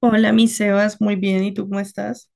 Hola, mi Sebas, muy bien, ¿y tú cómo estás?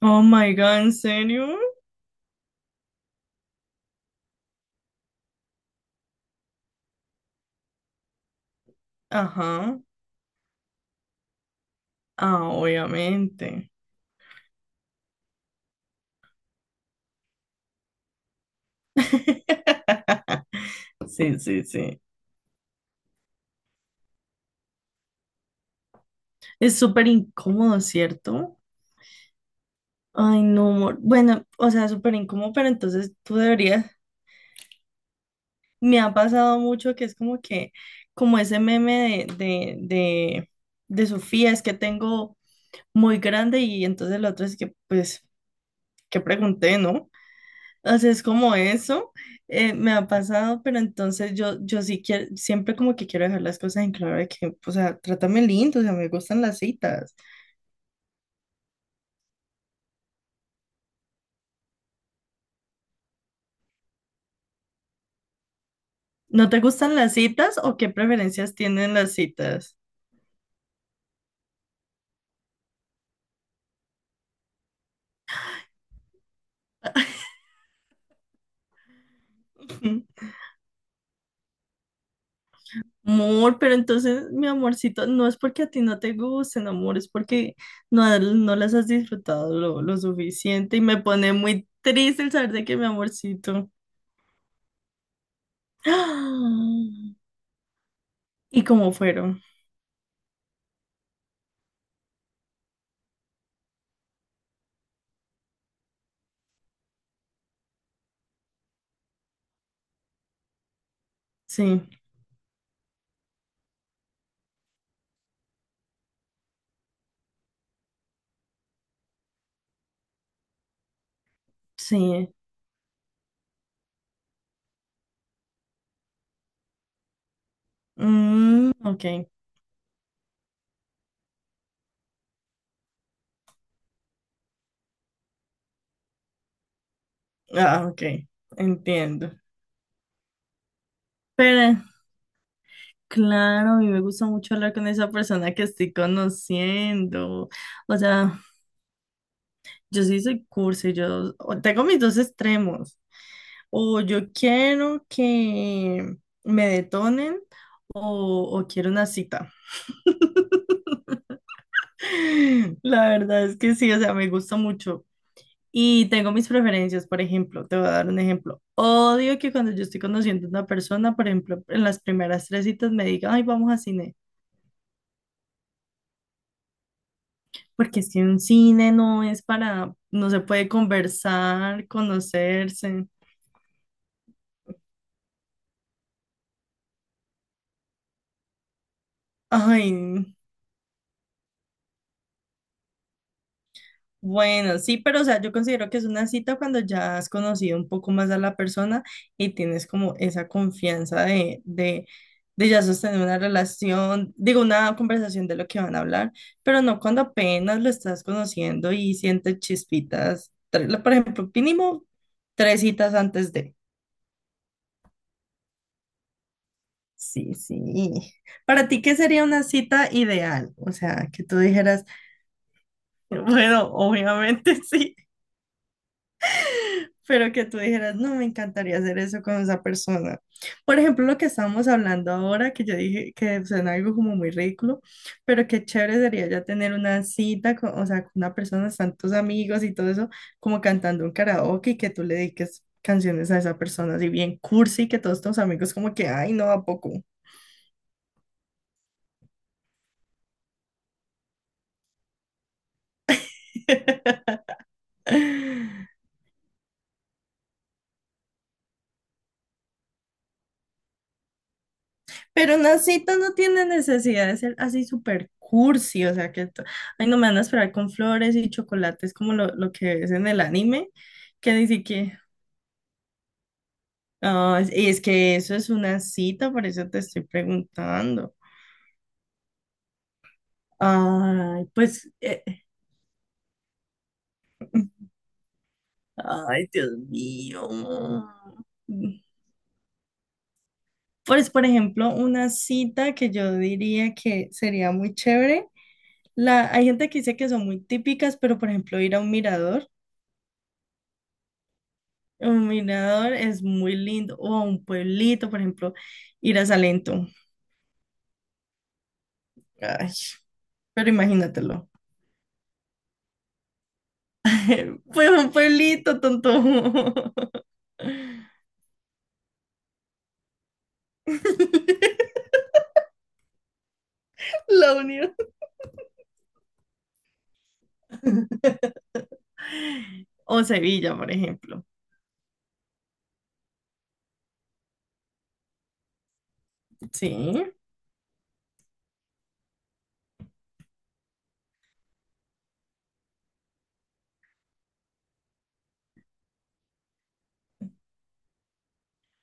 Oh my God, ¿en serio? Ajá, ah, obviamente. Sí, sí, sí. Es súper incómodo, ¿cierto? Ay, no, amor. Bueno, o sea, súper incómodo, pero entonces tú deberías. Me ha pasado mucho que es como que, como ese meme de Sofía, es que tengo muy grande y entonces el otro es que, pues, que pregunté, ¿no? O sea, es como eso, me ha pasado, pero entonces yo sí quiero, siempre como que quiero dejar las cosas en claro de que, o sea, trátame lindo, o sea, me gustan las citas. ¿No te gustan las citas o qué preferencias tienen las citas? Amor, pero entonces, mi amorcito, no es porque a ti no te gusten, amor, es porque no, no las has disfrutado lo suficiente y me pone muy triste el saber de que mi amorcito. ¿Y cómo fueron? Sí, sí. Mm, ok. Ah, ok. Entiendo. Pero, claro, a mí me gusta mucho hablar con esa persona que estoy conociendo. O sea, yo sí soy cursi, tengo mis dos extremos. O yo quiero que me detonen o quiero una cita. La verdad es que sí, o sea, me gusta mucho. Y tengo mis preferencias, por ejemplo, te voy a dar un ejemplo. Odio que cuando yo estoy conociendo a una persona, por ejemplo, en las primeras tres citas me digan, ay, vamos a cine, porque es que un cine no es para, no se puede conversar, conocerse. Ay, bueno, sí, pero o sea, yo considero que es una cita cuando ya has conocido un poco más a la persona y tienes como esa confianza de ya sostener una relación, digo, una conversación de lo que van a hablar, pero no cuando apenas lo estás conociendo y sientes chispitas, por ejemplo, mínimo tres citas antes de. Sí, sí. Para ti, ¿qué sería una cita ideal? O sea, que tú dijeras, bueno, obviamente sí. Pero que tú dijeras, no, me encantaría hacer eso con esa persona. Por ejemplo, lo que estábamos hablando ahora, que yo dije que suena algo como muy ridículo, pero qué chévere sería ya tener una cita, con, o sea, con una persona, están tus amigos y todo eso, como cantando un karaoke y que tú le dediques canciones a esa persona, así bien cursi, que todos tus amigos como que, ay, no, ¿a poco? Pero las citas no tiene necesidad de ser así súper cursi, o sea que, ay, no me van a esperar con flores y chocolates como lo que ves en el anime, que ni siquiera, ah, y es que eso es una cita, por eso te estoy preguntando. Ay, pues, ay, Dios mío. Pues, por ejemplo, una cita que yo diría que sería muy chévere. La, hay gente que dice que son muy típicas, pero por ejemplo, ir a un mirador. Un mirador es muy lindo. O un pueblito, por ejemplo, ir a Salento. Ay, pero imagínatelo. Pues un pueblito, tonto. La Unión. O Sevilla, por ejemplo. Sí.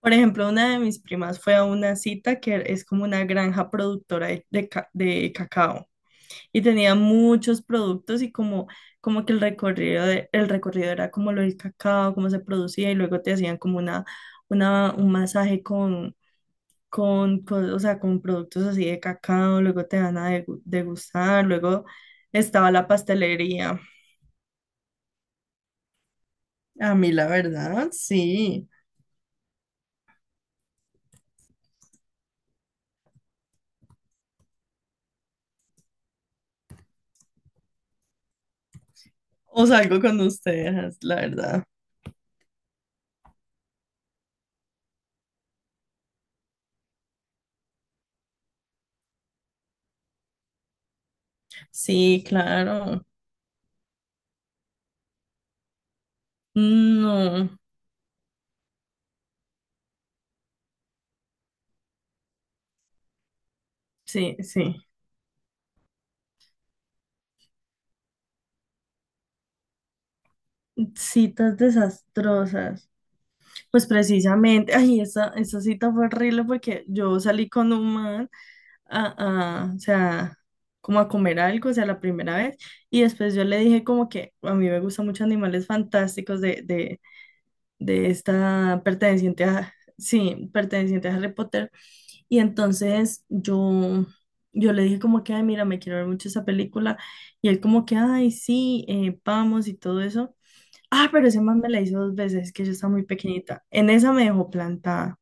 Por ejemplo, una de mis primas fue a una cita que es como una granja productora de cacao. Y tenía muchos productos y como, como que el recorrido, el recorrido era como lo del cacao, cómo se producía y luego te hacían como un masaje o sea, con productos así de cacao, luego te van a degustar, luego estaba la pastelería. A mí la verdad, sí. O salgo con ustedes, la verdad. Sí, claro. No, sí, sí. Citas desastrosas. Pues precisamente, ay, esa cita fue horrible porque yo salí con un man o sea, como a comer algo, o sea, la primera vez, y después yo le dije como que a mí me gustan mucho Animales Fantásticos de esta perteneciente a, sí, perteneciente a Harry Potter, y entonces yo le dije como que, ay, mira, me quiero ver mucho esa película, y él como que, ay, sí, vamos y todo eso. Ah, pero ese man me la hizo dos veces, que yo estaba muy pequeñita. En esa me dejó plantada.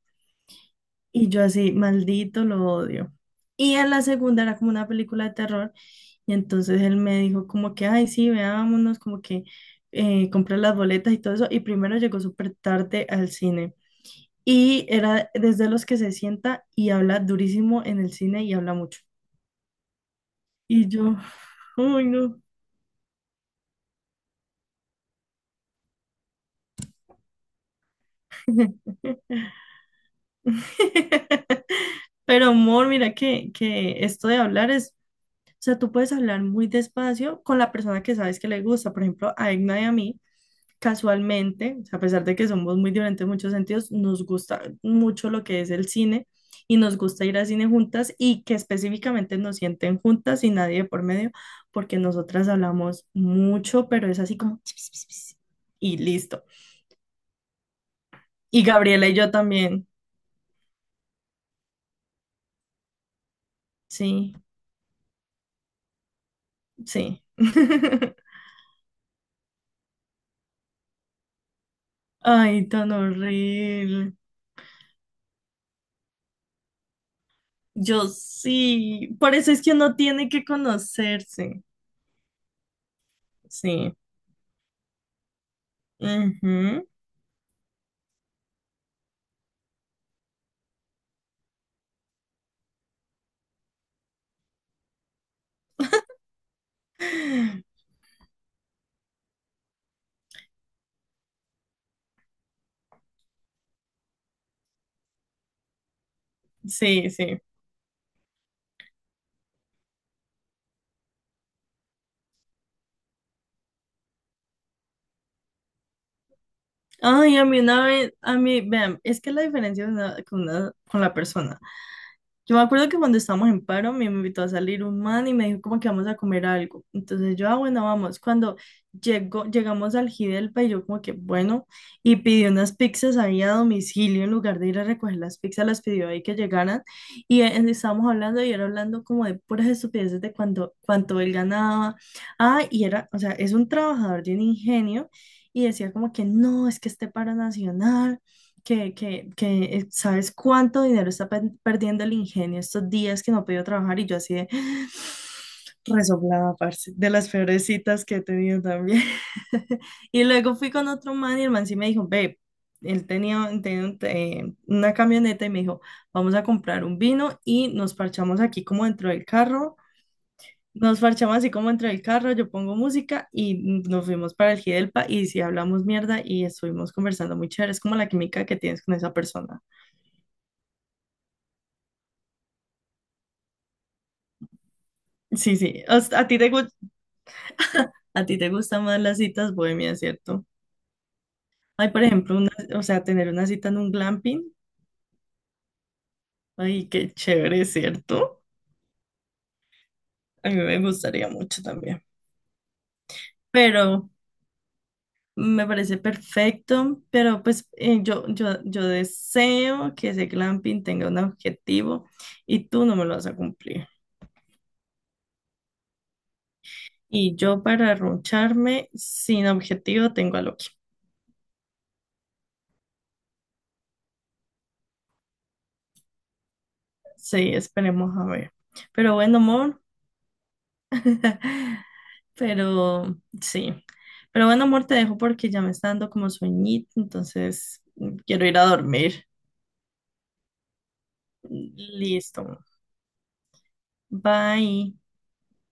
Y yo así, maldito, lo odio. Y en la segunda era como una película de terror. Y entonces él me dijo como que, ay, sí, veámonos, como que compré las boletas y todo eso. Y primero llegó súper tarde al cine. Y era desde los que se sienta y habla durísimo en el cine y habla mucho. Y yo, uy, no. Pero amor, mira que esto de hablar es, o sea, tú puedes hablar muy despacio con la persona que sabes que le gusta. Por ejemplo, a Egna y a mí, casualmente, o sea, a pesar de que somos muy diferentes en muchos sentidos, nos gusta mucho lo que es el cine y nos gusta ir al cine juntas y que específicamente nos sienten juntas y nadie de por medio, porque nosotras hablamos mucho, pero es así como y listo. Y Gabriela y yo también. Sí, sí. Ay, tan horrible. Yo sí, por eso es que uno tiene que conocerse, sí. Ujú. Sí, sí. Ay, a mí una vez, a mí, vean, es que la diferencia de con la persona. Yo me acuerdo que cuando estábamos en paro, me invitó a salir un man y me dijo como que vamos a comer algo. Entonces yo, ah, bueno, vamos. Cuando llegó, llegamos al Gidelpa y yo como que, bueno, y pidió unas pizzas ahí a domicilio en lugar de ir a recoger las pizzas, las pidió ahí que llegaran. Y estábamos hablando y era hablando como de puras estupideces de cuánto él ganaba. Ah, y era, o sea, es un trabajador de un ingenio. Y decía como que no, es que este paro nacional que sabes cuánto dinero está perdiendo el ingenio estos días que no ha podido trabajar y yo así de resoplada, parce, de las peores citas que he tenido también. Y luego fui con otro man y el man sí me dijo, ve, él tenía una camioneta y me dijo, vamos a comprar un vino y nos parchamos aquí como dentro del carro, nos parchamos así como entre el carro, yo pongo música y nos fuimos para el Gidelpa y sí hablamos mierda y estuvimos conversando muy chévere. Es como la química que tienes con esa persona. Sí, sí. O sea, a ti te gustan más las citas bohemias, ¿cierto? Ay, por ejemplo, una, o sea, tener una cita en un glamping. Ay, qué chévere, ¿cierto? A mí me gustaría mucho también. Pero me parece perfecto, pero pues yo deseo que ese glamping tenga un objetivo y tú no me lo vas a cumplir. Y yo para roncharme sin objetivo tengo a Loki. Sí, esperemos a ver. Pero bueno, amor. Pero sí. Pero bueno, amor, te dejo porque ya me está dando como sueñito, entonces quiero ir a dormir. Listo. Bye.